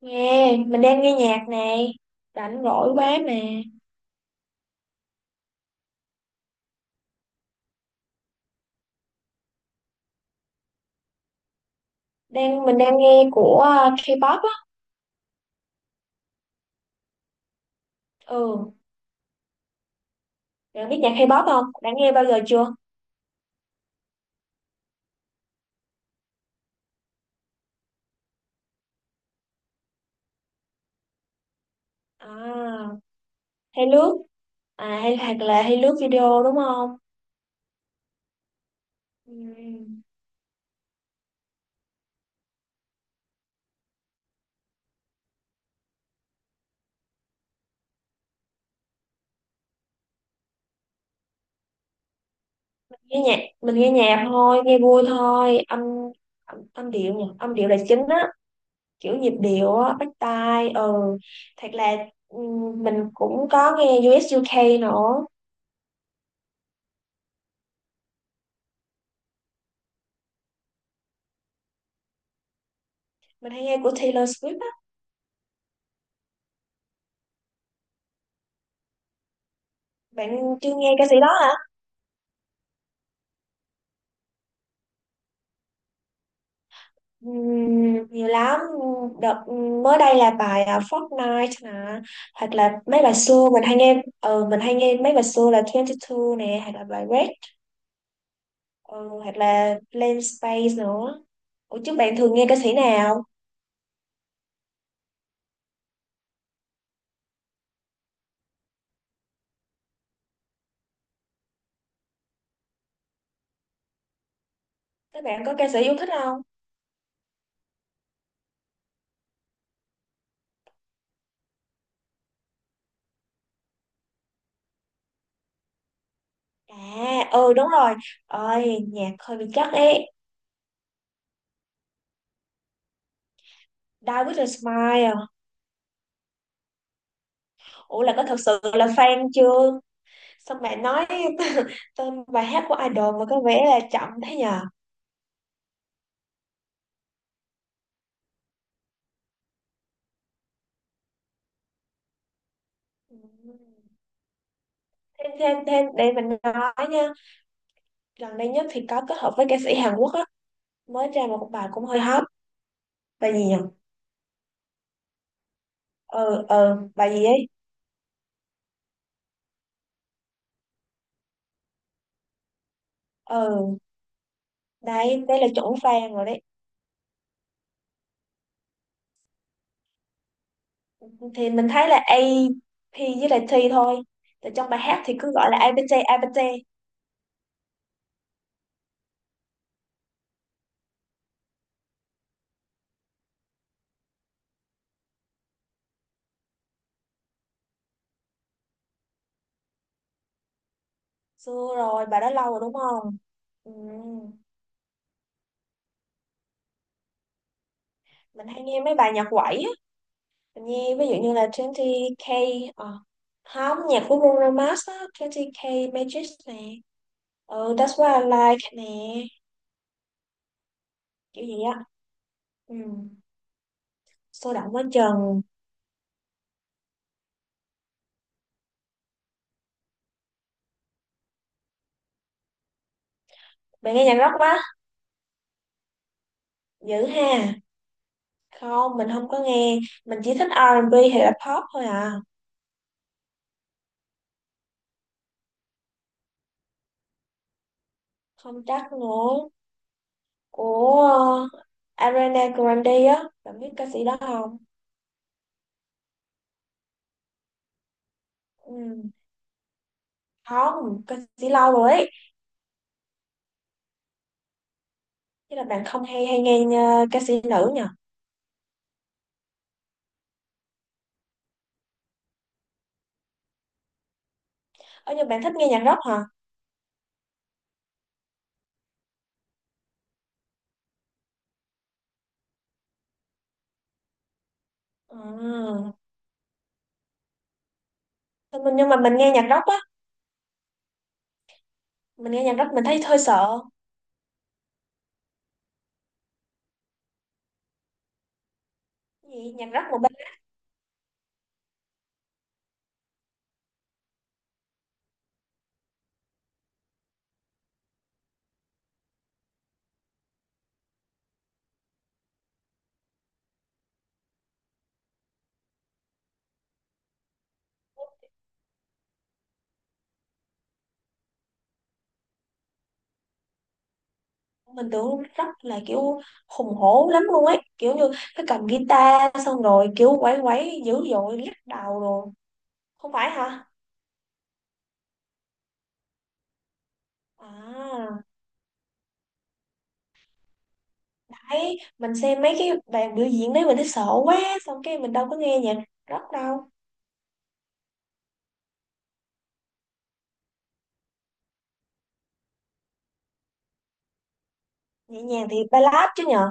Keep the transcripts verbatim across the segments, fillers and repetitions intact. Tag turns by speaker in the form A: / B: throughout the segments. A: Nghe, mình đang nghe nhạc nè, rảnh rỗi quá mà. Đang mình đang nghe của ờ, K-pop á. Ừ, bạn biết nhạc K-pop không? Đã nghe bao giờ chưa? À, hay lướt à hay hoặc là Hay lướt video đúng không? Ừ. Mình nghe nhạc, mình nghe nhạc thôi, nghe vui thôi, âm âm, âm điệu nhỉ, âm điệu là chính á, kiểu nhịp điệu á, bắt tai. Ừ, thật là ừ, mình cũng có nghe u ét, u UK nữa. Mình hay nghe của Taylor Swift á. Bạn chưa nghe ca sĩ đó à? Ừm, nhiều lắm. Đợt mới đây là bài à, Fortnite nè, hoặc là mấy bài xưa mình hay nghe ừ, mình hay nghe mấy bài xưa là hai mươi hai nè, hoặc là bài Red ừ, hoặc là Blank Space nữa. Ủa chứ bạn thường nghe ca sĩ nào? Các bạn có ca sĩ yêu thích không? À, ừ, đúng rồi. Ôi, nhạc hơi bị chắc ấy. David and Smile à. Ủa là có thật sự là fan chưa? Xong bạn nói tên bài hát của idol mà có vẻ là chậm thế nhờ? Ừ. Thêm thêm thêm để mình nói nha. Gần đây nhất thì có kết hợp với ca sĩ Hàn Quốc á, mới ra một bài cũng hơi hot. Bài gì nhỉ? ờ ờ Bài gì ấy? ờ Đấy, đây là chuẩn fan rồi đấy. Thì mình thấy là A, AP với lại T thôi. Tại trong bài hát thì cứ gọi là A pê tê, A, APT a pê tê Xưa rồi bài đó lâu rồi đúng không. Ừ. Mình hay nghe mấy bài nhạc quẩy á. Mình nghe ví dụ như là hai mươi ca, ờ không, nhạc của Bruno Mars á, hai mươi ca Magic nè. Ừ, That's What I Like nè, kiểu gì á. Ừ, sôi động quá chừng. Bạn nghe nhạc rock quá dữ ha? Không, mình không có nghe. Mình chỉ thích a và bê hay là pop thôi à. Không chắc nữa, của ờ, Ariana Grande á, bạn biết ca sĩ đó không? Ừ. Không, ca sĩ lâu rồi ấy. Chứ là bạn không hay hay nghe ờ, ca sĩ nữ nhỉ? Ở nhưng bạn thích nghe nhạc rock hả? À. Nhưng mà mình nghe nhạc rock á mình nghe nhạc rock mình thấy hơi sợ. Cái gì nhạc rock mà. Mình tưởng rất là kiểu hùng hổ lắm luôn ấy, kiểu như cái cầm guitar xong rồi kiểu quẩy quẩy dữ dội lắc đầu rồi. Không phải hả à? Đấy, mình xem mấy cái bàn biểu diễn đấy mình thấy sợ quá. Xong cái mình đâu có nghe nhạc rock đâu. Nhẹ nhàng thì ballad chứ nhờ.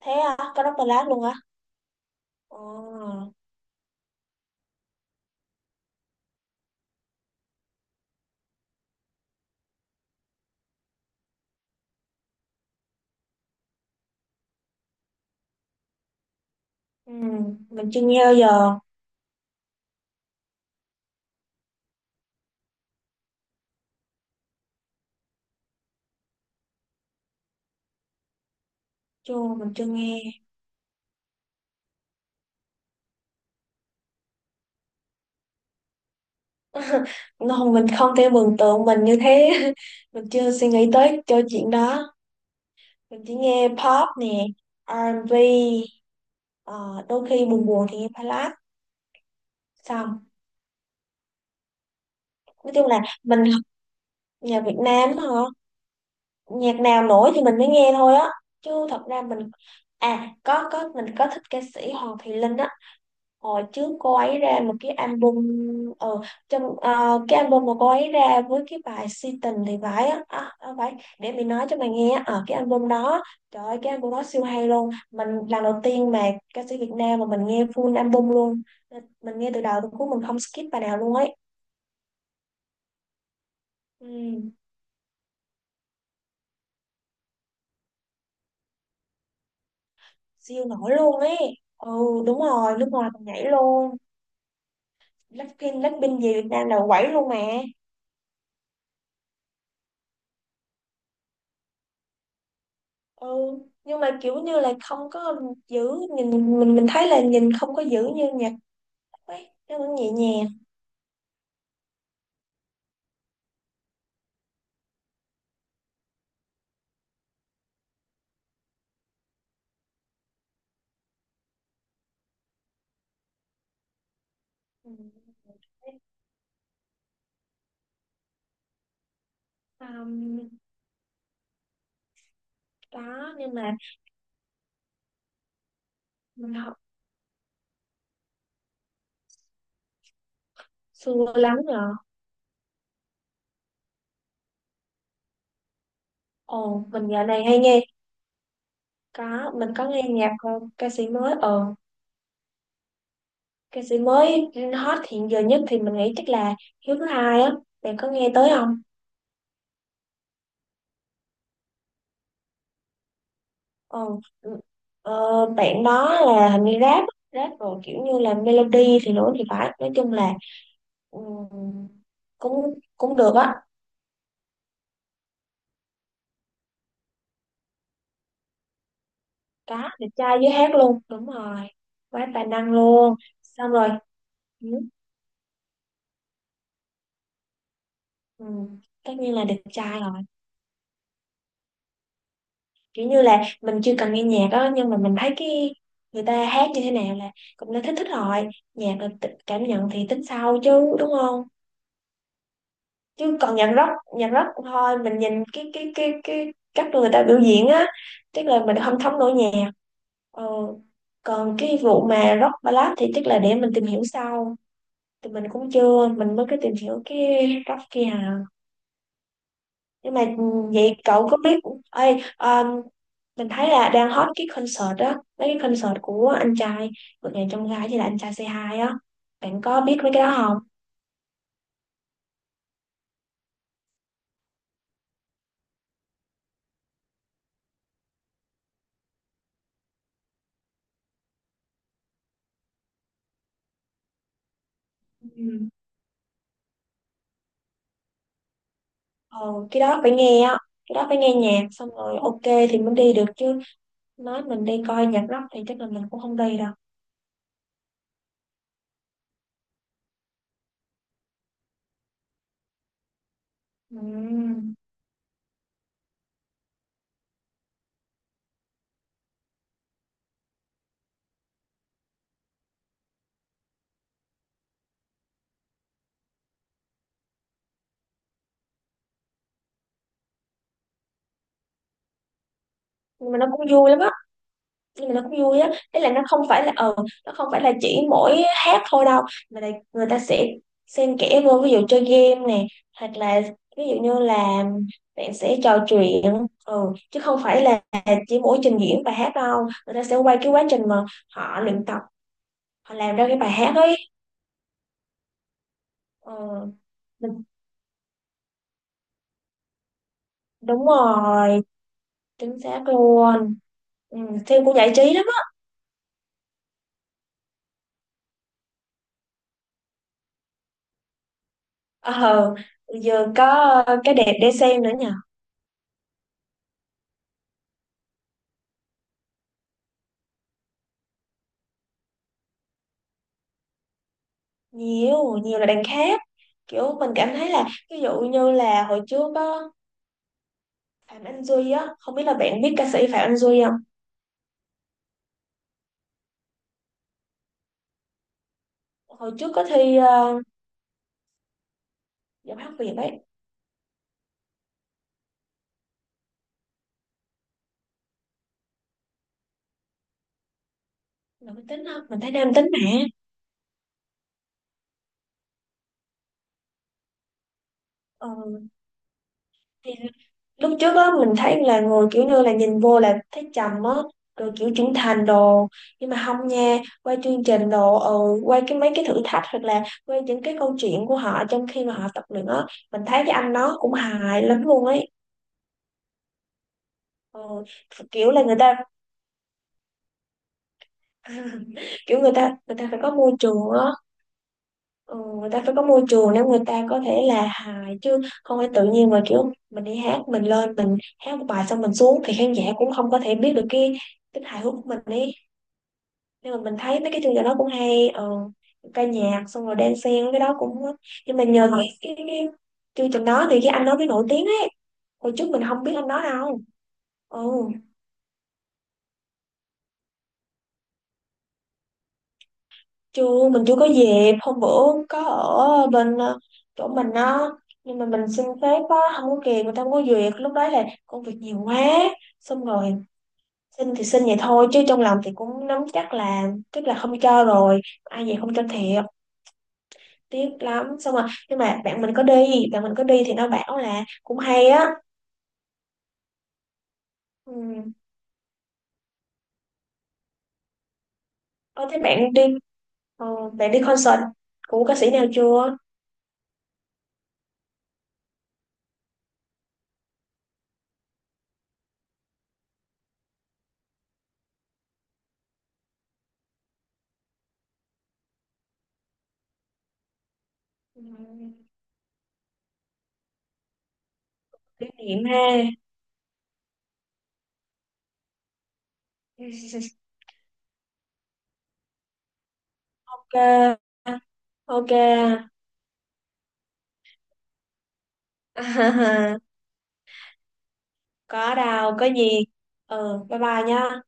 A: Thế à, có rock ballad luôn hả? Ờ, ừ, mình chưa nghe bao giờ. Chưa, mình chưa nghe. Không, mình không thể mường tượng mình như thế. Mình chưa suy nghĩ tới cho chuyện đó. Mình chỉ nghe pop nè, a and bi, ờ, đôi khi buồn buồn thì nghe ballad. Xong, nói chung là mình, nhạc Việt Nam hả? Nhạc nào nổi thì mình mới nghe thôi á. Chứ thật ra mình, à, có có mình có thích ca sĩ Hoàng Thùy Linh á. Hồi trước cô ấy ra một cái album, ờ, trong ờ, cái album mà cô ấy ra với cái bài Si Tình thì phải á, à, à, phải để mình nói cho mày nghe ở cái album đó. Trời ơi cái album đó siêu hay luôn, mình lần đầu tiên mà ca sĩ Việt Nam mà mình nghe full album luôn. Nên mình nghe từ đầu tới cuối mình không skip bài nào luôn ấy. Ừ, siêu nổi luôn ấy. Ừ, đúng rồi, nước ngoài mình nhảy luôn. Blackpink Blackpink về Việt Nam là quẩy luôn mà. Ừ, nhưng mà kiểu như là không có giữ, nhìn mình mình thấy là nhìn không có giữ như nhạc ấy, nó cũng nhẹ nhàng. Ừ. um, Đó nhưng mà mình học xưa lắm rồi. Ồ, mình dạo này hay nghe. Có, mình có nghe nhạc, ờ, ca sĩ mới ờ ca sĩ mới hot hiện giờ nhất thì mình nghĩ chắc là Hiếu thứ hai á, bạn có nghe tới không? ờ ừ, ờ, bạn đó là hình như rap á, rap rồi kiểu như là melody thì nữa thì phải, nói chung là. Ừ, cũng cũng được á. Cá, đẹp trai với hát luôn đúng rồi. Quá tài năng luôn. Xong rồi. Ừ, ừ, tất nhiên là đẹp trai rồi. Kiểu như là mình chưa cần nghe nhạc á, nhưng mà mình thấy cái người ta hát như thế nào là cũng đã thích thích rồi. Nhạc là tự- cảm nhận thì tính sau chứ đúng không? Chứ còn nhạc rock nhạc rock thôi mình nhìn cái cái cái cái cách người ta biểu diễn á, tức là mình không thấm nổi nhạc ờ, còn cái vụ mà rock ballad thì tức là để mình tìm hiểu sau, thì mình cũng chưa, mình mới cái tìm hiểu cái góc kia à. Nhưng mà ừ, vậy cậu có biết, ơi, um, mình thấy là đang hot cái concert đó, mấy cái concert của anh trai, vượt ngàn chông gai hay là anh trai c hai á. Bạn có biết mấy cái đó không? Ừ. Ờ, cái đó phải nghe á, cái đó phải nghe nhạc xong rồi ok thì mới đi được chứ. Nói mình đi coi nhạc rock thì chắc là mình cũng không đi đâu. Ừm, Nhưng mà nó cũng vui lắm á. Nhưng mà nó cũng vui á Thế là nó không phải là ờ nó không phải là chỉ mỗi hát thôi đâu, mà là người ta sẽ xen kẽ vô, ví dụ chơi game nè, hoặc là ví dụ như là bạn sẽ trò chuyện, ừ, chứ không phải là chỉ mỗi trình diễn bài hát đâu, người ta sẽ quay cái quá trình mà họ luyện tập, họ làm ra cái bài hát ấy. Ừ, mình- đúng rồi, chính xác luôn. Ừ, phim cũng giải trí lắm á. ờ Giờ có ờ, cái đẹp để xem nữa nhỉ. Nhiều nhiều là đằng khác. Kiểu mình cảm thấy là ví dụ như là hồi trước á, Phạm Anh Duy á, không biết là bạn biết ca sĩ Phạm Anh Duy không. Hồi trước có thi ờ, giọng hát Việt ấy. Là mình tính không, mình thấy nam tính mà. Ừ. Thì lúc trước á mình thấy là người kiểu như là nhìn vô là thấy trầm á, rồi kiểu trưởng thành đồ. Nhưng mà không nha, qua chương trình đồ ừ, qua cái mấy cái thử thách hoặc là qua những cái câu chuyện của họ trong khi mà họ tập luyện á, mình thấy cái anh nó cũng hài lắm luôn ấy. Ừ, kiểu là người ta À, kiểu người ta người ta phải có môi trường á. Ừ, người ta phải có môi trường để người ta có thể là hài chứ, không phải tự nhiên mà kiểu mình đi hát mình lên mình hát một bài xong mình xuống thì khán giả cũng không có thể biết được cái tính hài hước của mình ấy. Nhưng mà mình thấy mấy cái chương trình đó cũng hay. Ừ, ca nhạc xong rồi đan xen cái đó cũng, nhưng mà nhờ cái, cái, cái chương trình đó thì cái anh đó mới nổi tiếng ấy. Hồi trước mình không biết anh đó đâu. Ừ. Chưa, mình chưa có dịp. Hôm bữa có ở bên ờ, chỗ mình á, nhưng mà mình xin phép á không có kịp, người ta không có duyệt, lúc đó là công việc nhiều quá. Xong rồi xin thì xin vậy thôi chứ trong lòng thì cũng nắm chắc là tức là không cho rồi, ai vậy không cho thiệt. Tiếc lắm, xong rồi, nhưng mà bạn mình có đi bạn mình có đi thì nó bảo là cũng hay á. Ừ. Có thấy bạn đi ờ, bạn đi concert của ca sĩ nào chưa? Ừ. Kỷ niệm ha. Ok, ok. Có đâu có gì. Ừ, bye bye nha.